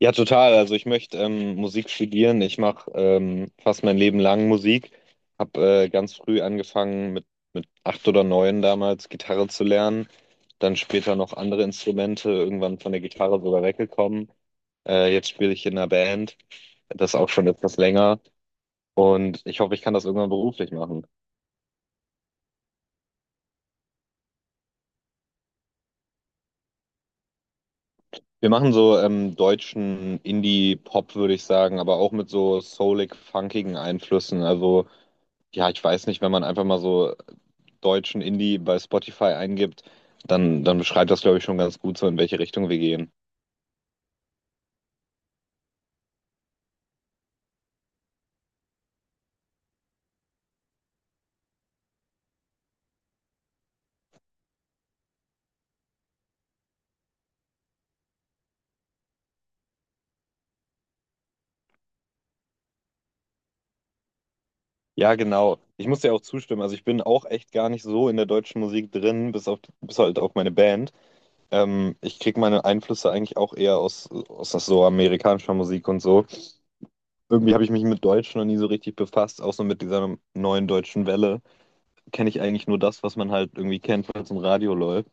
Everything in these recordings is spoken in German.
Ja, total. Also ich möchte Musik studieren. Ich mache fast mein Leben lang Musik. Hab ganz früh angefangen mit acht oder neun damals Gitarre zu lernen. Dann später noch andere Instrumente, irgendwann von der Gitarre sogar weggekommen. Jetzt spiele ich in einer Band. Das auch schon etwas länger. Und ich hoffe, ich kann das irgendwann beruflich machen. Wir machen so deutschen Indie-Pop, würde ich sagen, aber auch mit so soulig, funkigen Einflüssen. Also ja, ich weiß nicht, wenn man einfach mal so deutschen Indie bei Spotify eingibt, dann beschreibt das, glaube ich, schon ganz gut so, in welche Richtung wir gehen. Ja, genau. Ich muss dir auch zustimmen. Also ich bin auch echt gar nicht so in der deutschen Musik drin, bis halt auf meine Band. Ich kriege meine Einflüsse eigentlich auch eher aus so amerikanischer Musik und so. Irgendwie habe ich mich mit Deutsch noch nie so richtig befasst, auch so mit dieser neuen deutschen Welle. Kenne ich eigentlich nur das, was man halt irgendwie kennt, was im Radio läuft.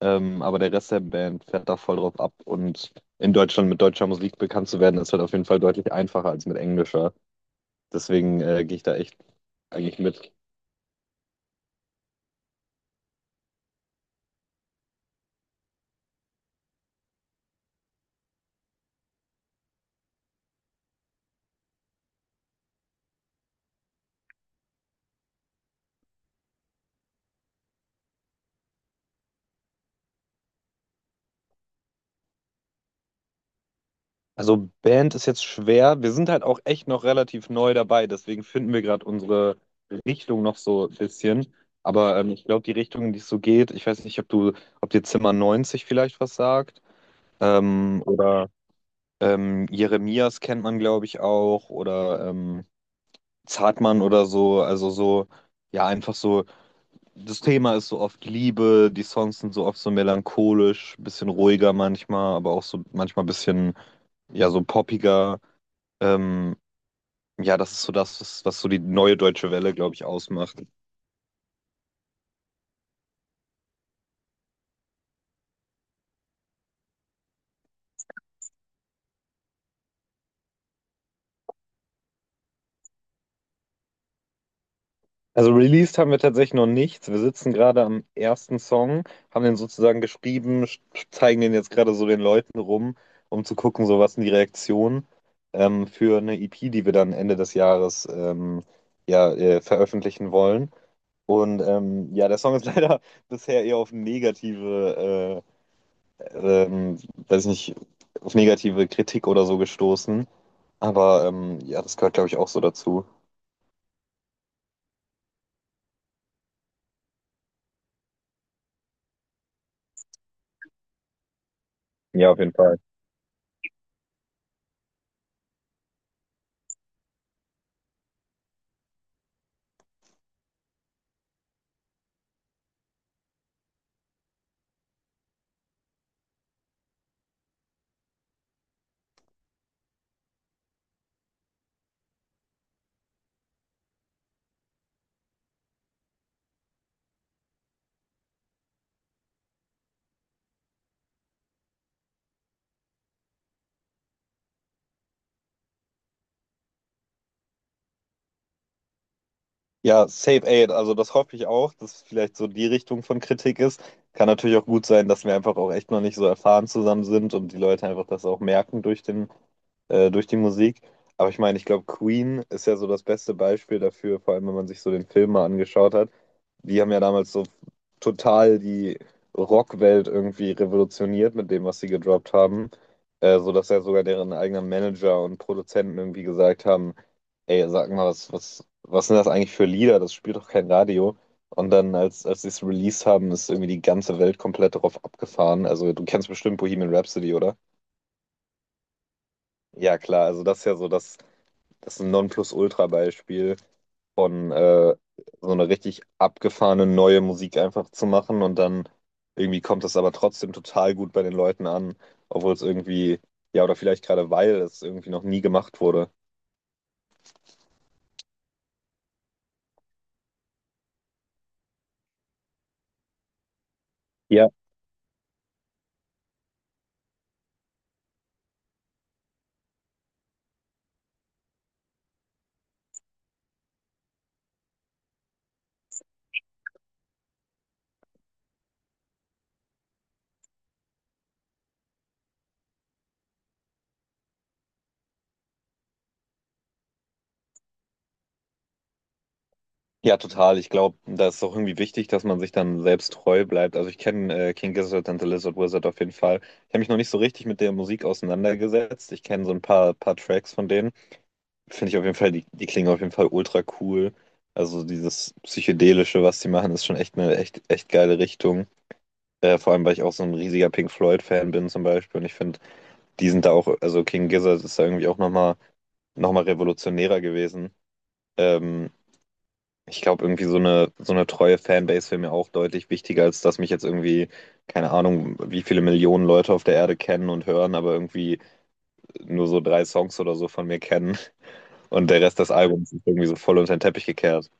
Aber der Rest der Band fährt da voll drauf ab. Und in Deutschland mit deutscher Musik bekannt zu werden, ist halt auf jeden Fall deutlich einfacher als mit englischer. Deswegen gehe ich da echt eigentlich mit. Also Band ist jetzt schwer. Wir sind halt auch echt noch relativ neu dabei. Deswegen finden wir gerade unsere Richtung noch so ein bisschen. Aber ich glaube, die Richtung, in die es so geht, ich weiß nicht, ob dir Zimmer 90 vielleicht was sagt. Oder Jeremias kennt man, glaube ich, auch. Oder Zartmann oder so, also so, ja, einfach so, das Thema ist so oft Liebe, die Songs sind so oft so melancholisch, bisschen ruhiger manchmal, aber auch so manchmal bisschen, ja, so poppiger. Ähm, ja, das ist so das, was so die neue deutsche Welle, glaube ich, ausmacht. Also released haben wir tatsächlich noch nichts. Wir sitzen gerade am ersten Song, haben den sozusagen geschrieben, zeigen den jetzt gerade so den Leuten rum, um zu gucken, so was sind die Reaktionen für eine EP, die wir dann Ende des Jahres ja, veröffentlichen wollen. Und ja, der Song ist leider bisher eher auf negative, äh, ähm, weiß nicht, auf negative Kritik oder so gestoßen. Aber ja, das gehört, glaube ich, auch so dazu. Ja, auf jeden Fall. Ja, Safe Aid, also das hoffe ich auch, dass es vielleicht so die Richtung von Kritik ist. Kann natürlich auch gut sein, dass wir einfach auch echt noch nicht so erfahren zusammen sind und die Leute einfach das auch merken durch den durch die Musik. Aber ich meine, ich glaube, Queen ist ja so das beste Beispiel dafür, vor allem wenn man sich so den Film mal angeschaut hat. Die haben ja damals so total die Rockwelt irgendwie revolutioniert mit dem, was sie gedroppt haben. So dass ja sogar deren eigenen Manager und Produzenten irgendwie gesagt haben, ey, sag mal, was sind das eigentlich für Lieder? Das spielt doch kein Radio. Und dann, als sie es released haben, ist irgendwie die ganze Welt komplett darauf abgefahren. Also, du kennst bestimmt Bohemian Rhapsody, oder? Ja, klar, also das ist ja so das ist ein Nonplusultra-Beispiel von so eine richtig abgefahrene neue Musik einfach zu machen und dann irgendwie kommt das aber trotzdem total gut bei den Leuten an, obwohl es irgendwie, ja, oder vielleicht gerade weil es irgendwie noch nie gemacht wurde. Ja, Ja, total. Ich glaube, da ist auch irgendwie wichtig, dass man sich dann selbst treu bleibt. Also ich kenne King Gizzard and the Lizard Wizard auf jeden Fall. Ich habe mich noch nicht so richtig mit der Musik auseinandergesetzt. Ich kenne so ein paar Tracks von denen. Finde ich auf jeden Fall, die klingen auf jeden Fall ultra cool. Also dieses Psychedelische, was die machen, ist schon echt echt geile Richtung. Vor allem, weil ich auch so ein riesiger Pink Floyd-Fan bin zum Beispiel. Und ich finde, die sind da auch, also King Gizzard ist da irgendwie auch noch mal revolutionärer gewesen. Ähm, ich glaube, irgendwie so so eine treue Fanbase wäre mir auch deutlich wichtiger, als dass mich jetzt irgendwie, keine Ahnung, wie viele Millionen Leute auf der Erde kennen und hören, aber irgendwie nur so drei Songs oder so von mir kennen und der Rest des Albums ist irgendwie so voll unter den Teppich gekehrt.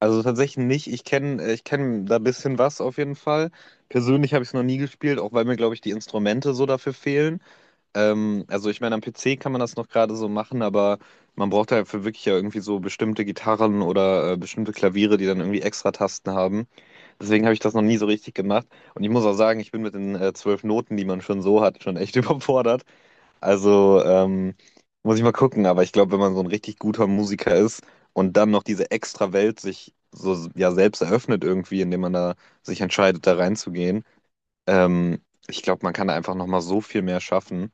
Also tatsächlich nicht. Ich kenn da ein bisschen was auf jeden Fall. Persönlich habe ich es noch nie gespielt, auch weil mir, glaube ich, die Instrumente so dafür fehlen. Also ich meine, am PC kann man das noch gerade so machen, aber man braucht dafür wirklich ja irgendwie so bestimmte Gitarren oder bestimmte Klaviere, die dann irgendwie extra Tasten haben. Deswegen habe ich das noch nie so richtig gemacht. Und ich muss auch sagen, ich bin mit den 12 Noten, die man schon so hat, schon echt überfordert. Also, ähm, Muss ich mal gucken, aber ich glaube, wenn man so ein richtig guter Musiker ist und dann noch diese extra Welt sich so ja selbst eröffnet irgendwie, indem man da sich entscheidet, da reinzugehen, ähm, ich glaube, man kann da einfach nochmal so viel mehr schaffen.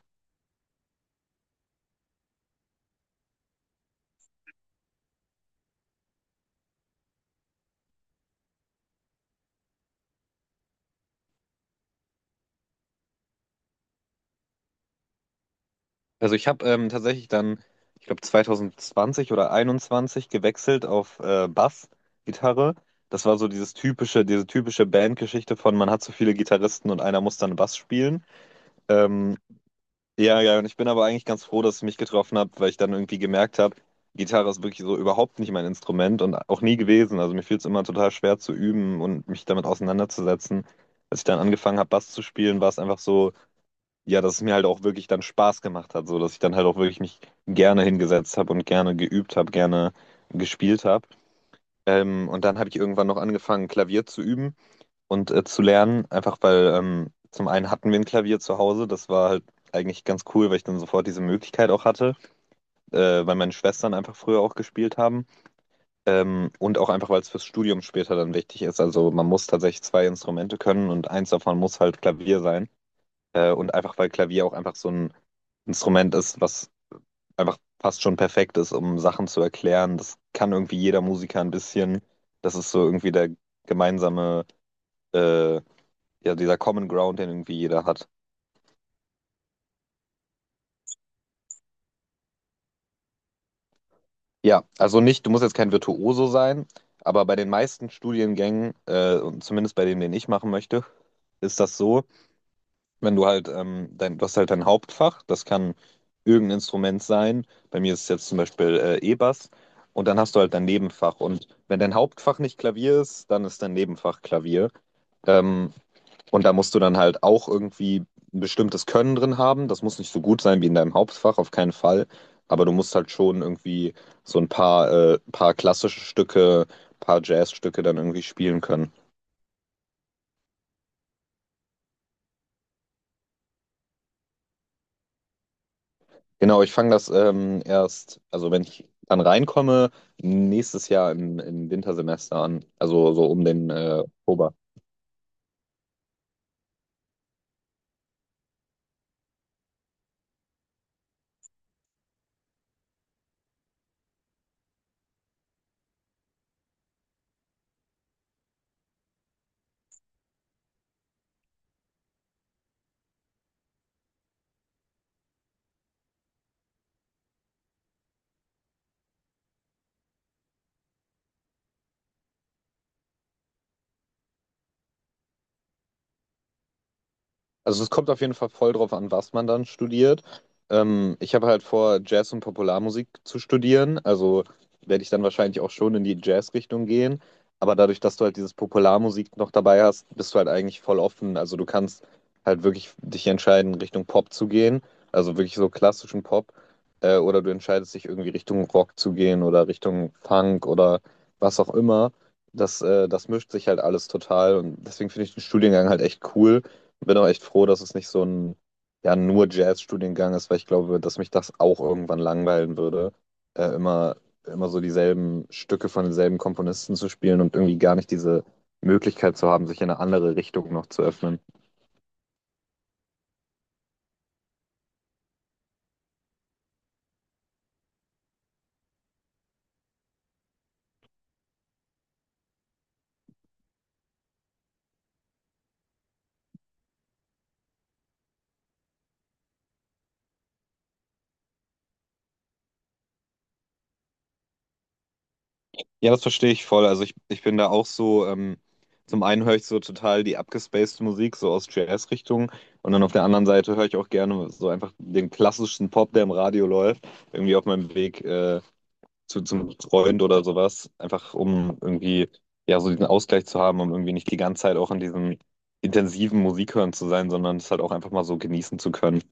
Also ich habe tatsächlich dann, ich glaube, 2020 oder 21 gewechselt auf Bass-Gitarre. Das war so dieses typische, diese typische Bandgeschichte von man hat so viele Gitarristen und einer muss dann Bass spielen. Ähm, Ja, und ich bin aber eigentlich ganz froh, dass es mich getroffen hat, weil ich dann irgendwie gemerkt habe, Gitarre ist wirklich so überhaupt nicht mein Instrument und auch nie gewesen. Also mir fiel es immer total schwer zu üben und mich damit auseinanderzusetzen. Als ich dann angefangen habe, Bass zu spielen, war es einfach so, ja, dass es mir halt auch wirklich dann Spaß gemacht hat, so dass ich dann halt auch wirklich mich gerne hingesetzt habe und gerne geübt habe, gerne gespielt habe. Und dann habe ich irgendwann noch angefangen, Klavier zu üben und zu lernen, einfach weil zum einen hatten wir ein Klavier zu Hause, das war halt eigentlich ganz cool, weil ich dann sofort diese Möglichkeit auch hatte, äh, weil meine Schwestern einfach früher auch gespielt haben und auch einfach, weil es fürs Studium später dann wichtig ist. Also man muss tatsächlich zwei Instrumente können und eins davon muss halt Klavier sein und einfach, weil Klavier auch einfach so ein Instrument ist, was einfach fast schon perfekt ist, um Sachen zu erklären. Das kann irgendwie jeder Musiker ein bisschen. Das ist so irgendwie der gemeinsame äh, ja, dieser Common Ground, den irgendwie jeder hat. Ja, also nicht, du musst jetzt kein Virtuoso sein, aber bei den meisten Studiengängen, und zumindest bei dem, den ich machen möchte, ist das so, wenn du halt, du hast halt dein Hauptfach, das kann irgendein Instrument sein. Bei mir ist es jetzt zum Beispiel E-Bass. Und dann hast du halt dein Nebenfach. Und wenn dein Hauptfach nicht Klavier ist, dann ist dein Nebenfach Klavier. Ähm, Und da musst du dann halt auch irgendwie ein bestimmtes Können drin haben. Das muss nicht so gut sein wie in deinem Hauptfach, auf keinen Fall. Aber du musst halt schon irgendwie so ein paar klassische Stücke, paar Jazzstücke dann irgendwie spielen können. Genau, ich fange das erst, also wenn ich dann reinkomme, nächstes Jahr im Wintersemester an. Also so um den Oktober. Also es kommt auf jeden Fall voll drauf an, was man dann studiert. Ich habe halt vor, Jazz und Popularmusik zu studieren. Also werde ich dann wahrscheinlich auch schon in die Jazz-Richtung gehen. Aber dadurch, dass du halt dieses Popularmusik noch dabei hast, bist du halt eigentlich voll offen. Also du kannst halt wirklich dich entscheiden, Richtung Pop zu gehen. Also wirklich so klassischen Pop. Oder du entscheidest dich irgendwie Richtung Rock zu gehen oder Richtung Funk oder was auch immer. Das mischt sich halt alles total. Und deswegen finde ich den Studiengang halt echt cool, bin auch echt froh, dass es nicht so ein ja, nur Jazz-Studiengang ist, weil ich glaube, dass mich das auch irgendwann langweilen würde, äh, immer, immer so dieselben Stücke von denselben Komponisten zu spielen und irgendwie gar nicht diese Möglichkeit zu haben, sich in eine andere Richtung noch zu öffnen. Ja, das verstehe ich voll. Also ich bin da auch so, zum einen höre ich so total die abgespacede Musik, so aus Jazz-Richtung, und dann auf der anderen Seite höre ich auch gerne so einfach den klassischen Pop, der im Radio läuft, irgendwie auf meinem Weg. Zum Freund oder sowas, einfach um irgendwie ja so diesen Ausgleich zu haben, um irgendwie nicht die ganze Zeit auch in diesem intensiven Musikhören zu sein, sondern es halt auch einfach mal so genießen zu können.